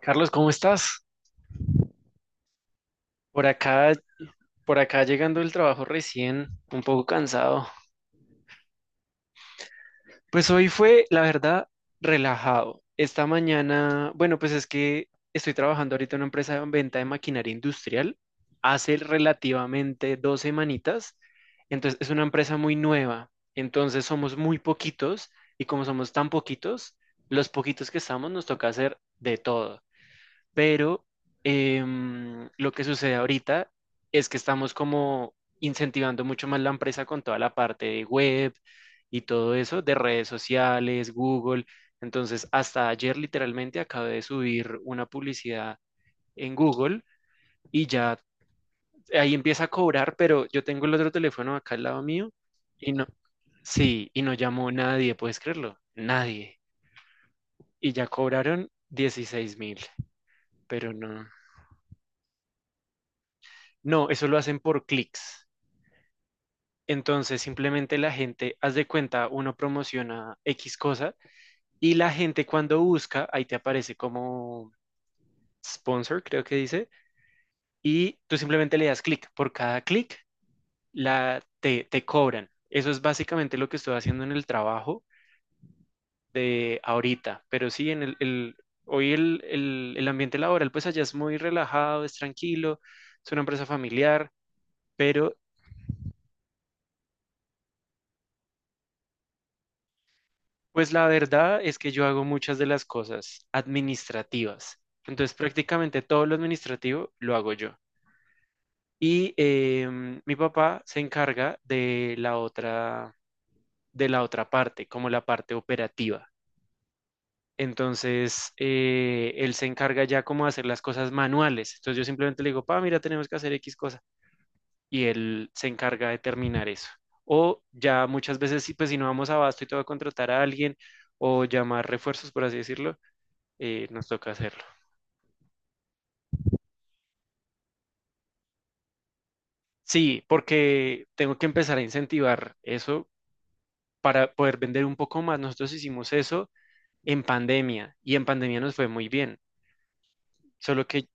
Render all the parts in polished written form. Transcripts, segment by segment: Carlos, ¿cómo estás? Por acá, por acá llegando del trabajo recién, un poco cansado. Pues hoy fue, la verdad, relajado. Esta mañana, bueno, pues es que estoy trabajando ahorita en una empresa de venta de maquinaria industrial. Hace relativamente 2 semanitas. Entonces, es una empresa muy nueva. Entonces, somos muy poquitos y como somos tan poquitos, los poquitos que estamos nos toca hacer de todo. Pero lo que sucede ahorita es que estamos como incentivando mucho más la empresa con toda la parte de web y todo eso, de redes sociales, Google. Entonces, hasta ayer literalmente acabé de subir una publicidad en Google y ya ahí empieza a cobrar, pero yo tengo el otro teléfono acá al lado mío y no, sí, y no llamó nadie, ¿puedes creerlo? Nadie. Y ya cobraron 16.000, pero no. No, eso lo hacen por clics. Entonces, simplemente la gente, haz de cuenta, uno promociona X cosa y la gente cuando busca, ahí te aparece como sponsor, creo que dice, y tú simplemente le das clic. Por cada clic, te cobran. Eso es básicamente lo que estoy haciendo en el trabajo de ahorita, pero sí, hoy el ambiente laboral, pues allá es muy relajado, es tranquilo, es una empresa familiar, pero. Pues la verdad es que yo hago muchas de las cosas administrativas. Entonces prácticamente todo lo administrativo lo hago yo. Y mi papá se encarga de la otra parte, como la parte operativa. Entonces él se encarga ya como de hacer las cosas manuales. Entonces yo simplemente le digo, pa, mira, tenemos que hacer X cosa. Y él se encarga de terminar eso. O ya muchas veces, sí, pues si no vamos a abasto y te voy a contratar a alguien o llamar refuerzos, por así decirlo nos toca hacerlo. Sí, porque tengo que empezar a incentivar eso para poder vender un poco más. Nosotros hicimos eso en pandemia y en pandemia nos fue muy bien. Solo que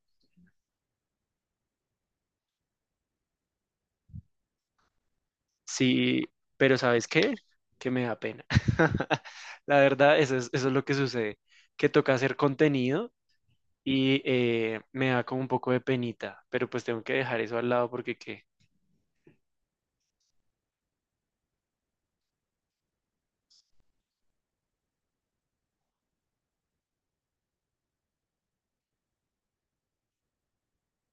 sí, pero ¿sabes qué? Que me da pena. La verdad, eso es lo que sucede, que toca hacer contenido y me da como un poco de penita, pero pues tengo que dejar eso al lado porque qué.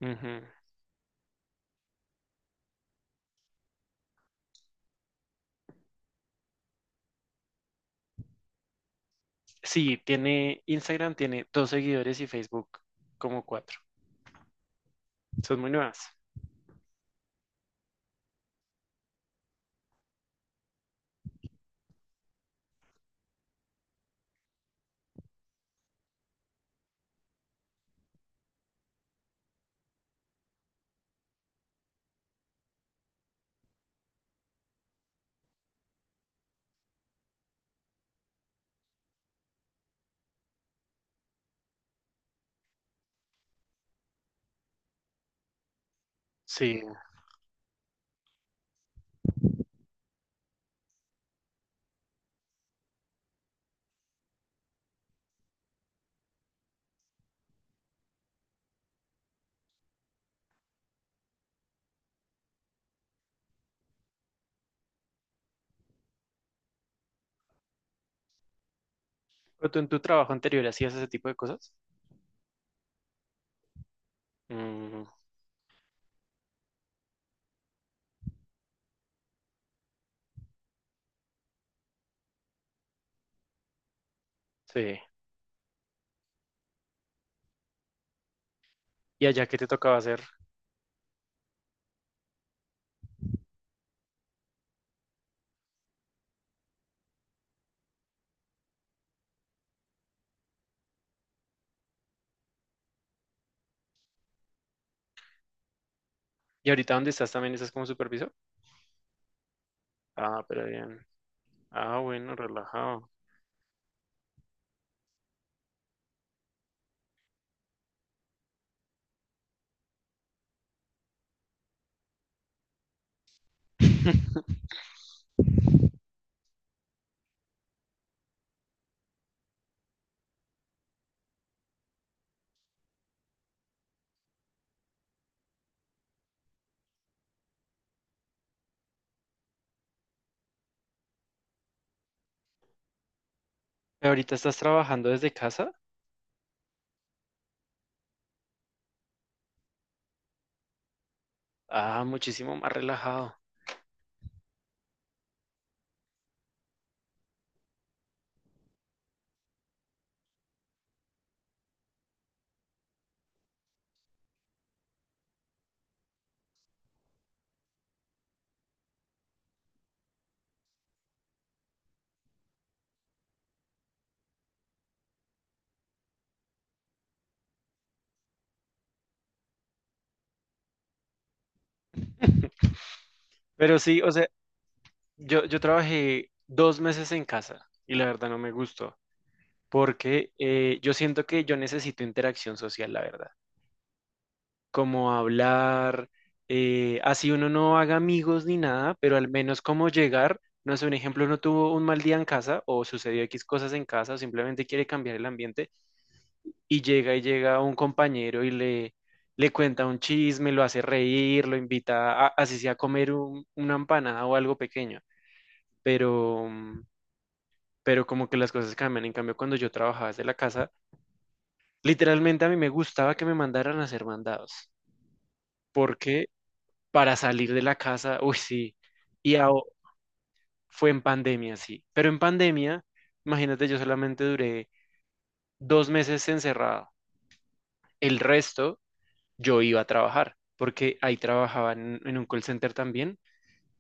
Ujú. Sí, tiene Instagram, tiene dos seguidores y Facebook como cuatro. Son muy nuevas. Sí. ¿Pero tú en tu trabajo anterior hacías ese tipo de cosas? Mm, sí. ¿Y allá qué te tocaba hacer? ¿Y ahorita dónde estás, también estás como supervisor? Ah, pero bien. Ah, bueno, relajado. ¿Ahorita estás trabajando desde casa? Ah, muchísimo más relajado. Pero sí, o sea, yo trabajé 2 meses en casa y la verdad no me gustó porque yo siento que yo necesito interacción social, la verdad. Como hablar, así uno no haga amigos ni nada, pero al menos como llegar, no sé, un ejemplo, uno tuvo un mal día en casa o sucedió X cosas en casa o simplemente quiere cambiar el ambiente llega un compañero y le cuenta un chisme, lo hace reír, lo invita a, así sea a comer una empanada o algo pequeño, pero, mm, pero como que las cosas cambian. En cambio, cuando yo trabajaba desde la casa, literalmente a mí me gustaba que me mandaran a hacer mandados. Porque para salir de la casa, uy, sí, y aho- fue en pandemia, sí, pero en pandemia, imagínate, yo solamente duré 2 meses encerrado, el resto yo iba a trabajar, porque ahí trabajaba en un call center también,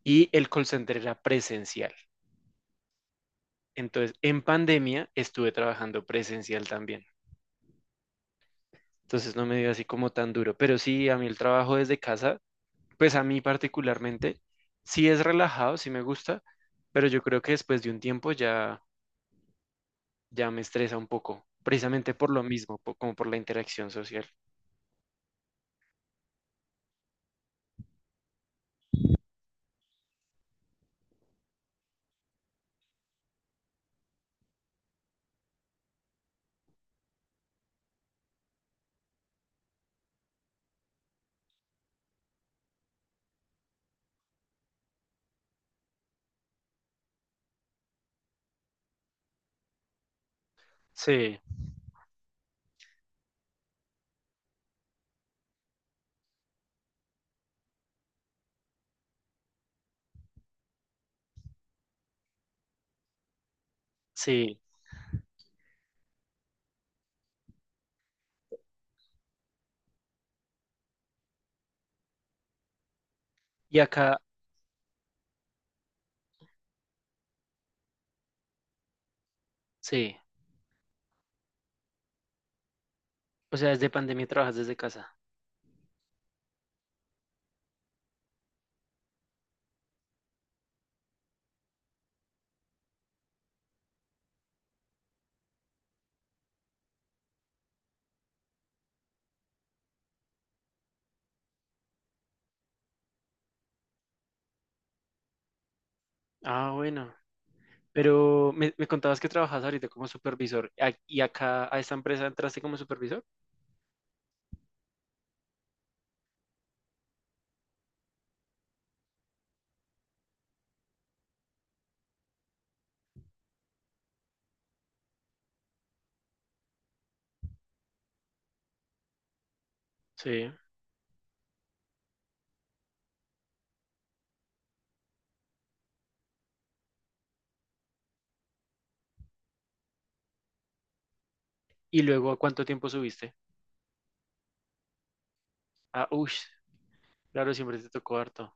y el call center era presencial, entonces en pandemia estuve trabajando presencial también, entonces no me dio así como tan duro, pero sí, a mí el trabajo desde casa, pues a mí particularmente, sí es relajado, sí me gusta, pero yo creo que después de un tiempo ya me estresa un poco, precisamente por lo mismo, como por la interacción social. Sí, sí. Y acá, sí. O sea, desde pandemia trabajas desde casa. Ah, bueno, pero me contabas que trabajas ahorita como supervisor y acá a esta empresa entraste como supervisor. Sí. ¿Y luego a cuánto tiempo subiste? Ah, uff, claro, siempre te tocó harto.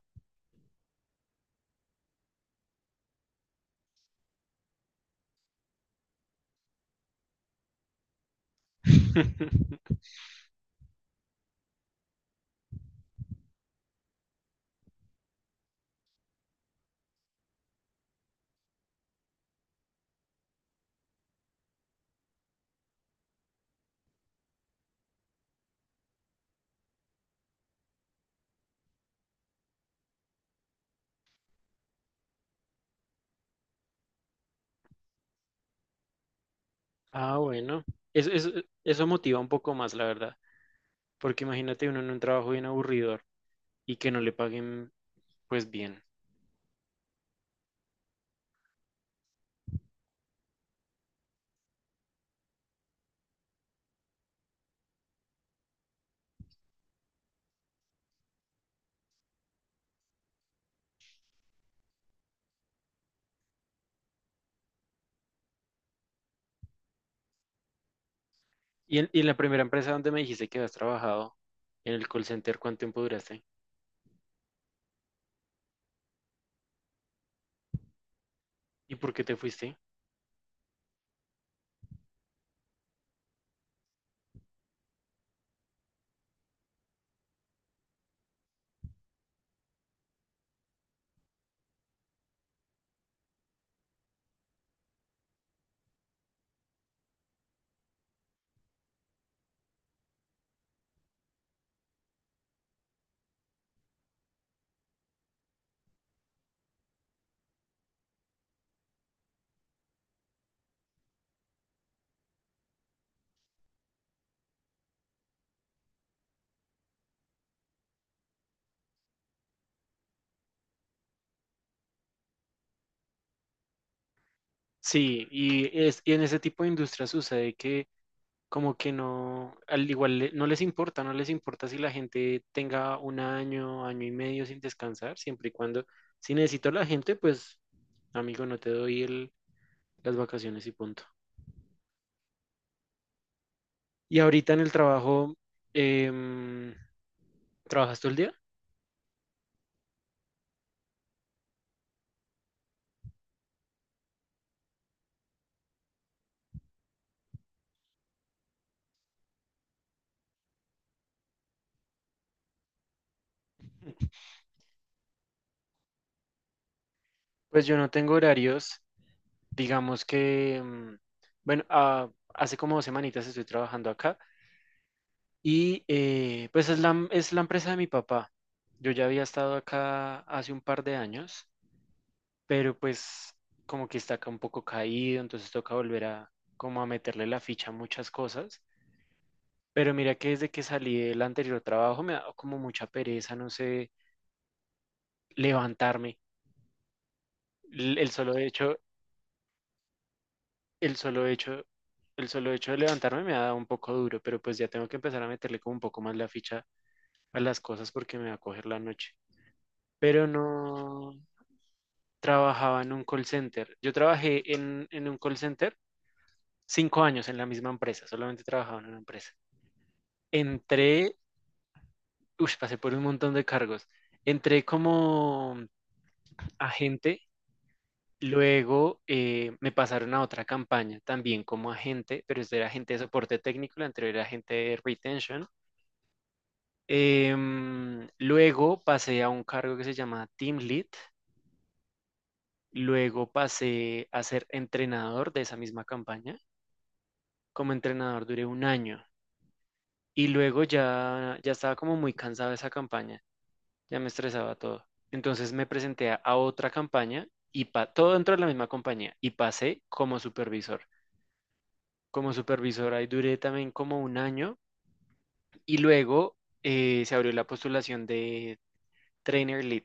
Ah, bueno, eso, eso, eso motiva un poco más, la verdad, porque imagínate uno en un trabajo bien aburridor y que no le paguen pues bien. Y en la primera empresa donde me dijiste que habías trabajado, en el call center, ¿cuánto tiempo duraste? ¿Y por qué te fuiste? Sí, y en ese tipo de industria sucede que como que no, al igual no les importa, no les importa si la gente tenga un año, año y medio sin descansar, siempre y cuando, si necesito a la gente, pues amigo, no te doy las vacaciones y punto. Y ahorita en el trabajo, em, ¿trabajas todo el día? Pues yo no tengo horarios, digamos que, bueno, ah, hace como 2 semanitas estoy trabajando acá y pues es la empresa de mi papá. Yo ya había estado acá hace un par de años, pero pues como que está acá un poco caído, entonces toca volver a como a meterle la ficha a muchas cosas. Pero mira que desde que salí del anterior trabajo me ha dado como mucha pereza, no sé, levantarme. L- El solo hecho, El solo hecho, el solo hecho de levantarme me ha dado un poco duro, pero pues ya tengo que empezar a meterle como un poco más la ficha a las cosas porque me va a coger la noche. Pero no, trabajaba en un call center. Yo trabajé en un call center 5 años en la misma empresa, solamente trabajaba en una empresa. Entré, uff, pasé por un montón de cargos. Entré como agente, luego me pasaron a otra campaña también como agente, pero este era agente de soporte técnico, la anterior era agente de retention. Luego pasé a un cargo que se llama Team Lead. Luego pasé a ser entrenador de esa misma campaña. Como entrenador duré un año y luego ya estaba como muy cansado de esa campaña, ya me estresaba todo. Entonces me presenté a otra campaña y todo dentro de la misma compañía y pasé como supervisor. Como supervisor ahí duré también como un año y luego se abrió la postulación de Trainer Lead.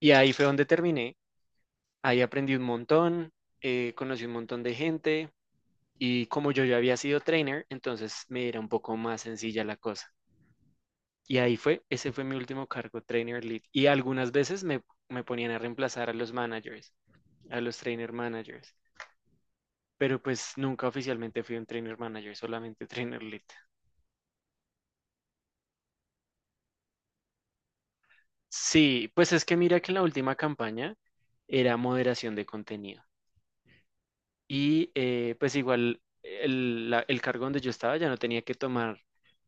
Y ahí fue donde terminé. Ahí aprendí un montón, conocí un montón de gente y como yo ya había sido trainer, entonces me era un poco más sencilla la cosa. Y ahí fue, ese fue mi último cargo, trainer lead. Y algunas veces me ponían a reemplazar a los managers, a los trainer managers, pero pues nunca oficialmente fui un trainer manager, solamente trainer lead. Sí, pues es que mira que en la última campaña era moderación de contenido. Y pues igual el, el cargo donde yo estaba ya no tenía que tomar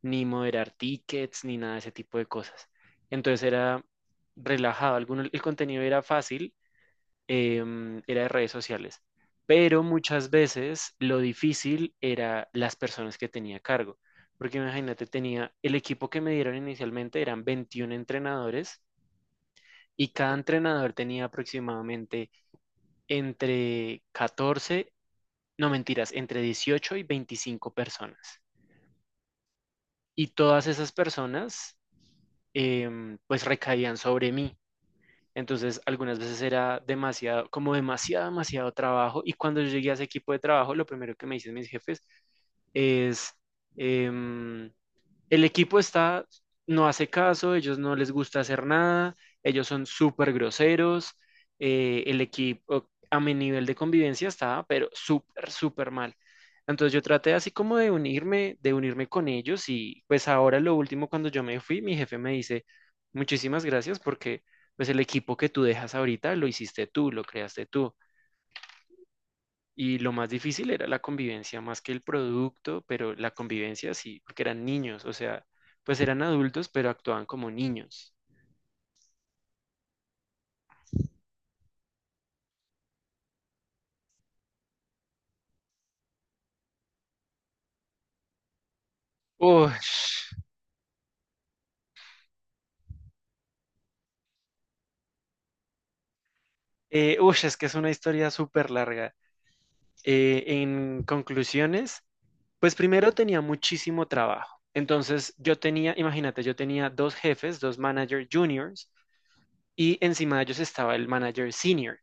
ni moderar tickets ni nada de ese tipo de cosas. Entonces era relajado. Alguno, el contenido era fácil, era de redes sociales, pero muchas veces lo difícil era las personas que tenía a cargo. Porque imagínate, tenía el equipo que me dieron inicialmente eran 21 entrenadores y cada entrenador tenía aproximadamente entre 14, no mentiras, entre 18 y 25 personas. Y todas esas personas, pues recaían sobre mí. Entonces, algunas veces era demasiado, como demasiado, demasiado trabajo. Y cuando yo llegué a ese equipo de trabajo, lo primero que me dicen mis jefes es, em, el equipo está, no hace caso, ellos no les gusta hacer nada, ellos son súper groseros, el equipo a mi nivel de convivencia estaba, pero súper, súper mal. Entonces yo traté así como de unirme con ellos y pues ahora lo último cuando yo me fui, mi jefe me dice, muchísimas gracias porque pues el equipo que tú dejas ahorita lo hiciste tú, lo creaste tú. Y lo más difícil era la convivencia más que el producto, pero la convivencia sí, porque eran niños, o sea, pues eran adultos, pero actuaban como niños. Ush, Ush, es que es una historia súper larga. En conclusiones, pues primero tenía muchísimo trabajo. Entonces yo tenía, imagínate, yo tenía dos jefes, dos manager juniors, y encima de ellos estaba el manager senior.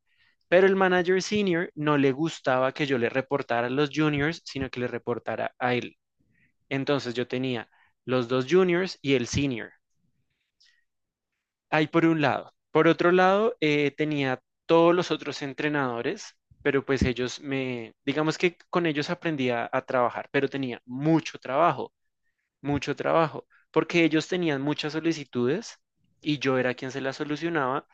Pero el manager senior no le gustaba que yo le reportara a los juniors, sino que le reportara a él. Entonces yo tenía los dos juniors y el senior. Ahí por un lado. Por otro lado, tenía todos los otros entrenadores, pero pues ellos digamos que con ellos aprendía a trabajar, pero tenía mucho trabajo, porque ellos tenían muchas solicitudes y yo era quien se las solucionaba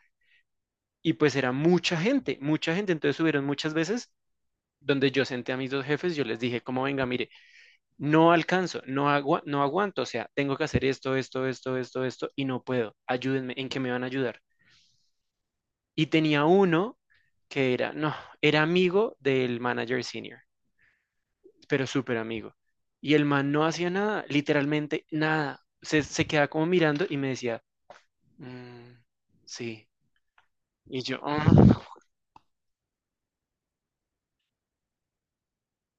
y pues era mucha gente, mucha gente. Entonces subieron muchas veces donde yo senté a mis dos jefes, yo les dije, como venga, mire, no alcanzo, no, no aguanto, o sea, tengo que hacer esto, esto, esto, esto, esto, y no puedo, ayúdenme, ¿en qué me van a ayudar? Y tenía uno que era, no, era amigo del manager senior, pero súper amigo. Y el man no hacía nada, literalmente nada. Se quedaba como mirando y me decía, "Mm, sí". Y yo, "Ah".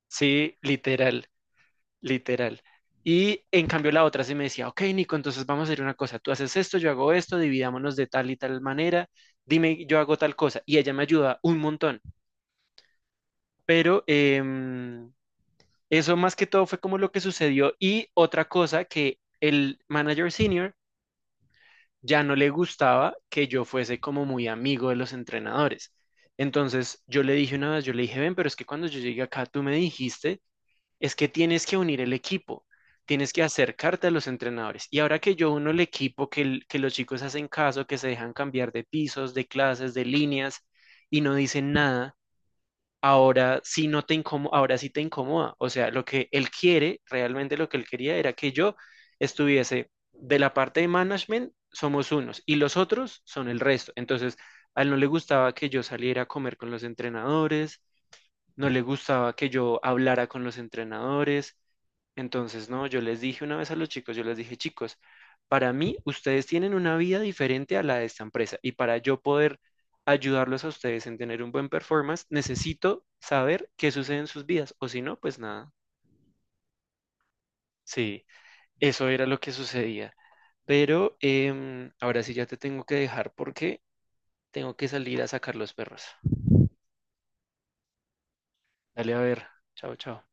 Sí, literal. Literal. Y en cambio la otra sí me decía, ok, Nico, entonces vamos a hacer una cosa, tú haces esto, yo hago esto, dividámonos de tal y tal manera, dime, yo hago tal cosa. Y ella me ayuda un montón. Pero eso más que todo fue como lo que sucedió. Y otra cosa, que el manager senior ya no le gustaba que yo fuese como muy amigo de los entrenadores. Entonces yo le dije una vez, yo le dije, ven, pero es que cuando yo llegué acá, tú me dijiste, es que tienes que unir el equipo, tienes que acercarte a los entrenadores. Y ahora que yo uno el equipo, que los chicos hacen caso, que se dejan cambiar de pisos, de clases, de líneas y no dicen nada, ahora sí no te incomo- ahora sí te incomoda. O sea, lo que él quiere, realmente lo que él quería era que yo estuviese de la parte de management, somos unos y los otros son el resto. Entonces, a él no le gustaba que yo saliera a comer con los entrenadores, no le gustaba que yo hablara con los entrenadores. Entonces, no, yo les dije una vez a los chicos, yo les dije, chicos, para mí ustedes tienen una vida diferente a la de esta empresa y para yo poder ayudarlos a ustedes en tener un buen performance, necesito saber qué sucede en sus vidas o si no, pues nada. Sí, eso era lo que sucedía. Pero ahora sí ya te tengo que dejar porque tengo que salir a sacar los perros. Dale a ver. Chao, chao.